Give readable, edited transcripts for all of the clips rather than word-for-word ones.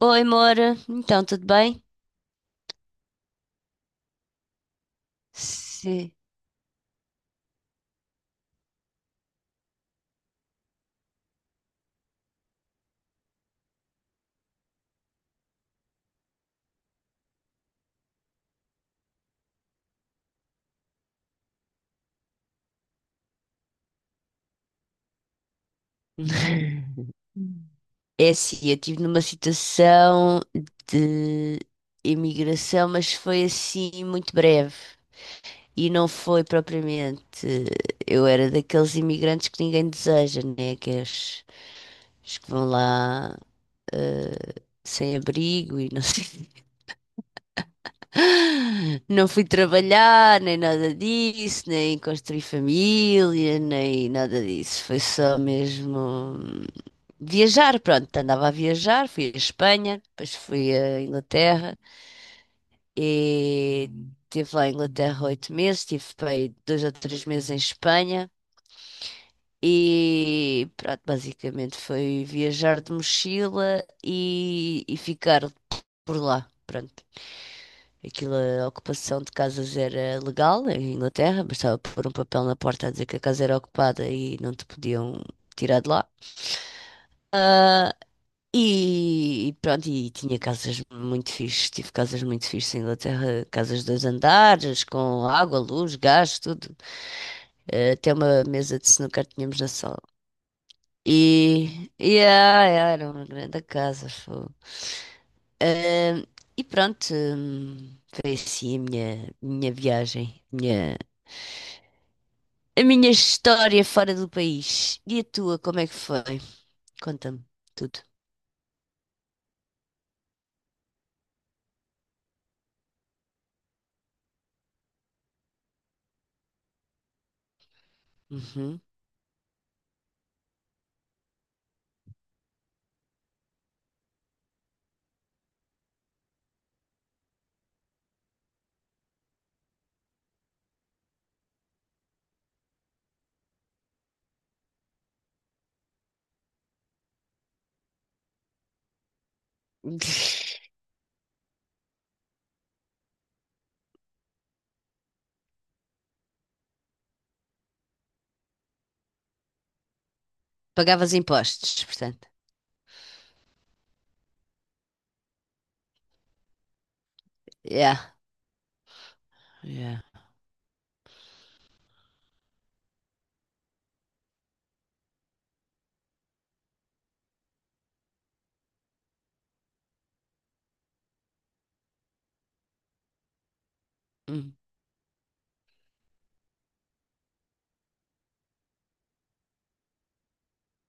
Oi, Moura. Então, tudo bem? Sim. É assim, eu estive numa situação de imigração, mas foi assim muito breve. E não foi propriamente. Eu era daqueles imigrantes que ninguém deseja, né? Que é os que vão lá sem abrigo e não sei. Não fui trabalhar, nem nada disso, nem construí família, nem nada disso. Foi só mesmo viajar, pronto. Andava a viajar, fui à Espanha, depois fui à Inglaterra e estive lá em Inglaterra oito meses, estive para aí dois ou três meses em Espanha e pronto, basicamente foi viajar de mochila e ficar por lá, pronto. Aquilo, a ocupação de casas era legal em Inglaterra, bastava pôr um papel na porta a dizer que a casa era ocupada e não te podiam tirar de lá. E pronto, e tinha casas muito fixes, tive casas muito fixes em Inglaterra, casas de dois andares, com água, luz, gás, tudo. Até uma mesa de snooker tínhamos na sala. Era uma grande casa, fogo. Eh, foi assim a minha viagem, minha a minha história fora do país. E a tua, como é que foi? Conta-me tudo. Uhum. Pagavas impostos, portanto. Yeah. Yeah. Hum.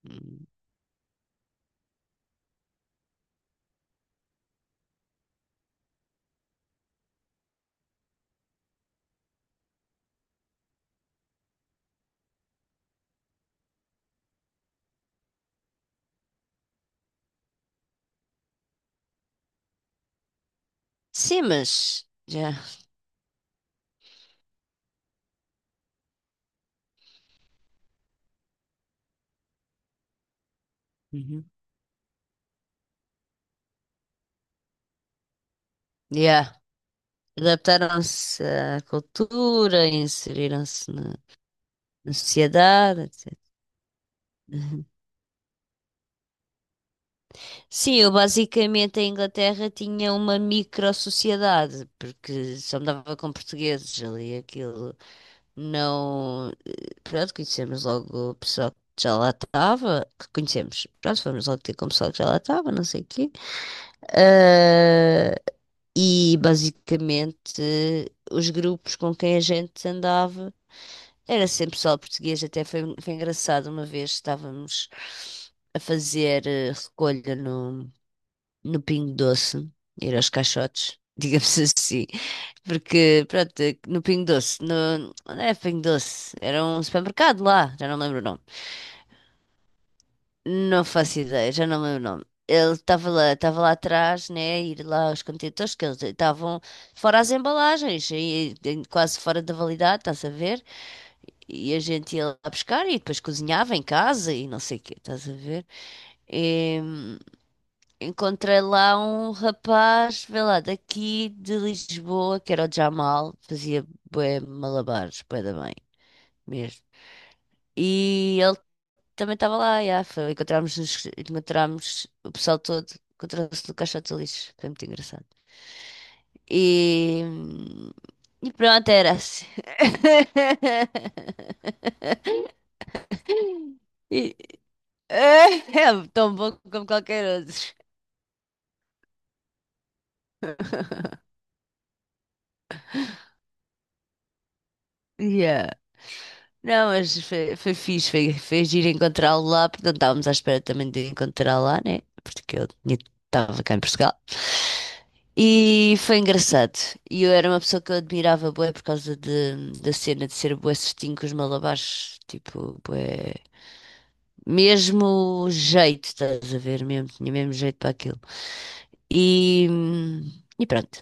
Hum. Sim, mas. Já. Uhum. Yeah. Adaptaram-se à cultura, inseriram-se na, na sociedade, etc. Uhum. Sim, eu basicamente em Inglaterra tinha uma micro-sociedade, porque só me dava com portugueses ali, aquilo. Não. Pronto, conhecemos logo o pessoal que já lá estava. Que conhecemos. Pronto, fomos logo ter com o pessoal que já lá estava, não sei o quê. Ah, e basicamente os grupos com quem a gente andava era sempre pessoal português. Até foi engraçado uma vez estávamos a fazer recolha no Pingo Doce, ir aos caixotes, digamos assim, porque, pronto, no Pingo Doce, no, não é Pingo Doce? Era um supermercado lá, já não lembro o nome. Não faço ideia, já não lembro o nome. Ele estava lá atrás, né, a ir lá aos contentores, que eles estavam fora as embalagens, e quase fora da validade, estás a ver? E a gente ia lá buscar e depois cozinhava em casa e não sei o quê, estás a ver? Encontrei lá um rapaz, vê lá, daqui de Lisboa, que era o Jamal, fazia bué malabares, bué da bem, mesmo. E ele também estava lá, encontramos, encontramos o pessoal todo, encontrou-se no caixote de lixo, foi muito engraçado. E, e pronto, era assim. E- é tão bom como qualquer outro. Yeah. Não, mas foi fixe, foi giro encontrá-lo lá, porque não estávamos à espera também de encontrá-lo lá, né? Porque estava cá em Portugal. E foi engraçado. E eu era uma pessoa que eu admirava bué por causa da cena de ser bué certinho com os malabares. Tipo, bué... Mesmo jeito, estás a ver? Mesmo, tinha mesmo jeito para aquilo. E, hum, e pronto.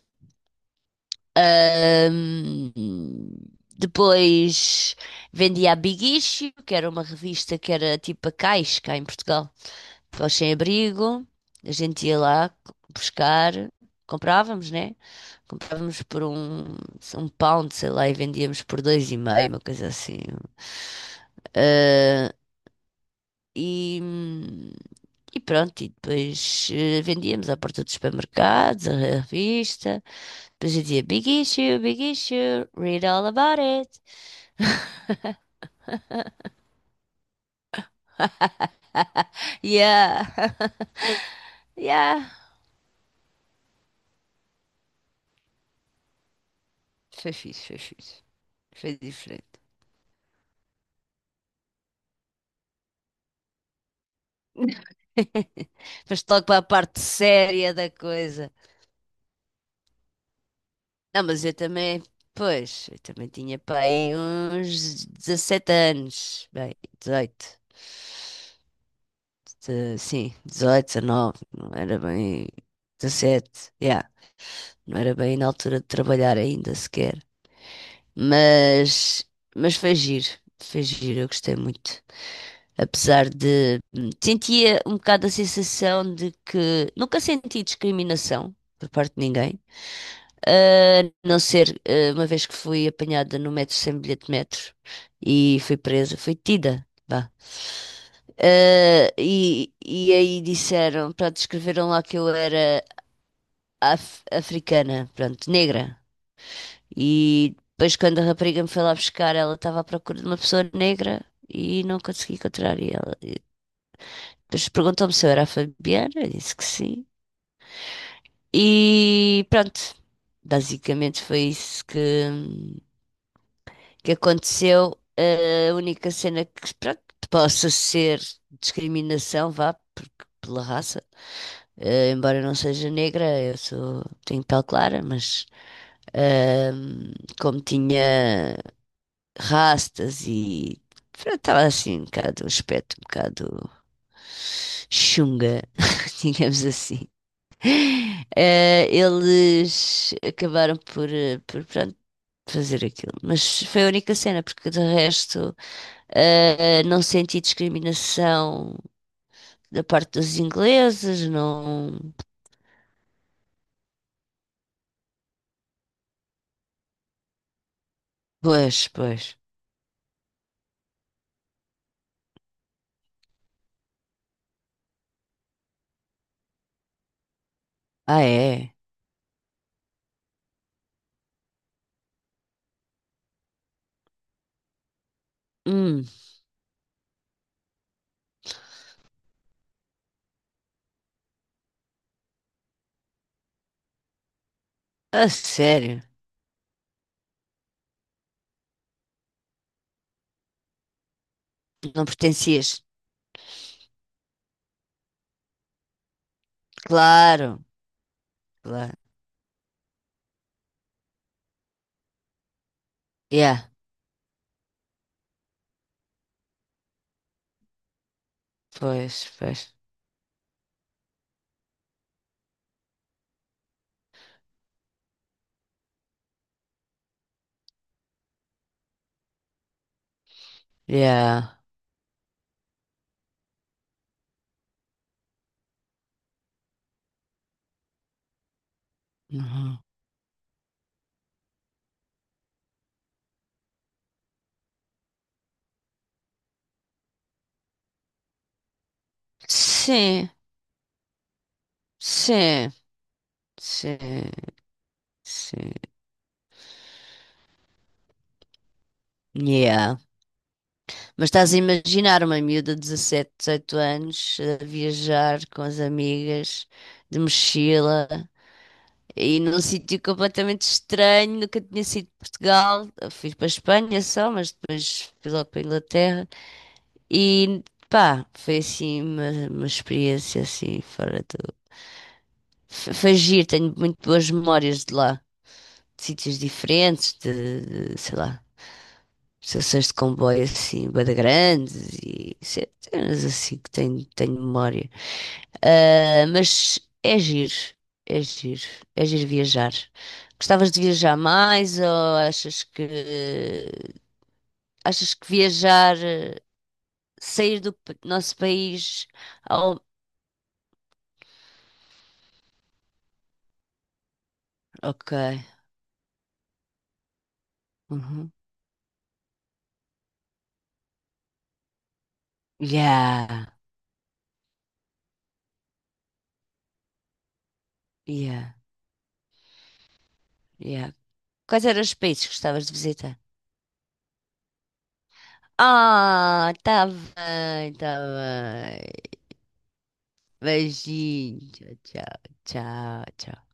Ahm, depois vendia a Big Issue, que era uma revista que era tipo a Caixa, cá em Portugal, para os sem-abrigo. A gente ia lá buscar, comprávamos, né? Comprávamos por um, um pound, sei lá, e vendíamos por dois e meio, uma coisa assim. Ah, e, hum, e pronto, e depois vendíamos à porta dos supermercados, a revista. Depois eu dizia Big Issue, Big Issue, read all about it. Yeah, yeah. Foi fixe, foi fixe. Foi diferente. Foste logo para a parte séria da coisa. Não, mas eu também, pois, eu também tinha para aí uns 17 anos. Sim, 18 19 não era bem 17. Não era bem na altura de trabalhar ainda sequer. Mas, mas foi giro, eu gostei muito. Apesar de sentia um bocado a sensação de que nunca senti discriminação por parte de ninguém. A não ser uma vez que fui apanhada no metro sem bilhete de metro e fui presa, fui tida. Vá. E aí disseram, pronto, escreveram lá que eu era africana, pronto, negra. E depois, quando a rapariga me foi lá buscar, ela estava à procura de uma pessoa negra e não consegui encontrar. E ela e depois perguntou-me se eu era a Fabiana, eu disse que sim. E pronto, basicamente foi isso que aconteceu. A única cena que, pronto, possa ser discriminação, vá, porque, pela raça. Embora eu não seja negra, tenho pele clara, mas. Ahm, como tinha rastas e estava assim um bocado, um aspecto um bocado chunga, digamos assim. Eles acabaram por pronto, fazer aquilo, mas foi a única cena, porque de resto não senti discriminação da parte dos ingleses, não. Pois, pois. Ah, é? Hum, a sério? Não pertencias? Claro, claro. Yeah, pois, pois. Yeah. Uhum. Sim, sim, sim, sim. Yeah. Mas estás a imaginar uma miúda de 17, 18 anos a viajar com as amigas de mochila e num sítio completamente estranho, nunca tinha sido de Portugal. Eu fui para a Espanha só, mas depois fui logo para a Inglaterra. E pá, foi assim uma experiência assim fora do. Foi giro, tenho muito boas memórias de lá. De sítios diferentes, sei lá, estações de comboio assim, bué de grandes e cenas assim que tenho memória. Ah, mas é giro, é giro, é giro viajar. Gostavas de viajar mais ou achas que viajar, sair nosso país ao... Ok. Uhum. Yeah, yeah, yeah. Quais eram os países que gostavas de visitar? Ah, tá bem, tá bem. Beijinho, tchau, tchau, tchau.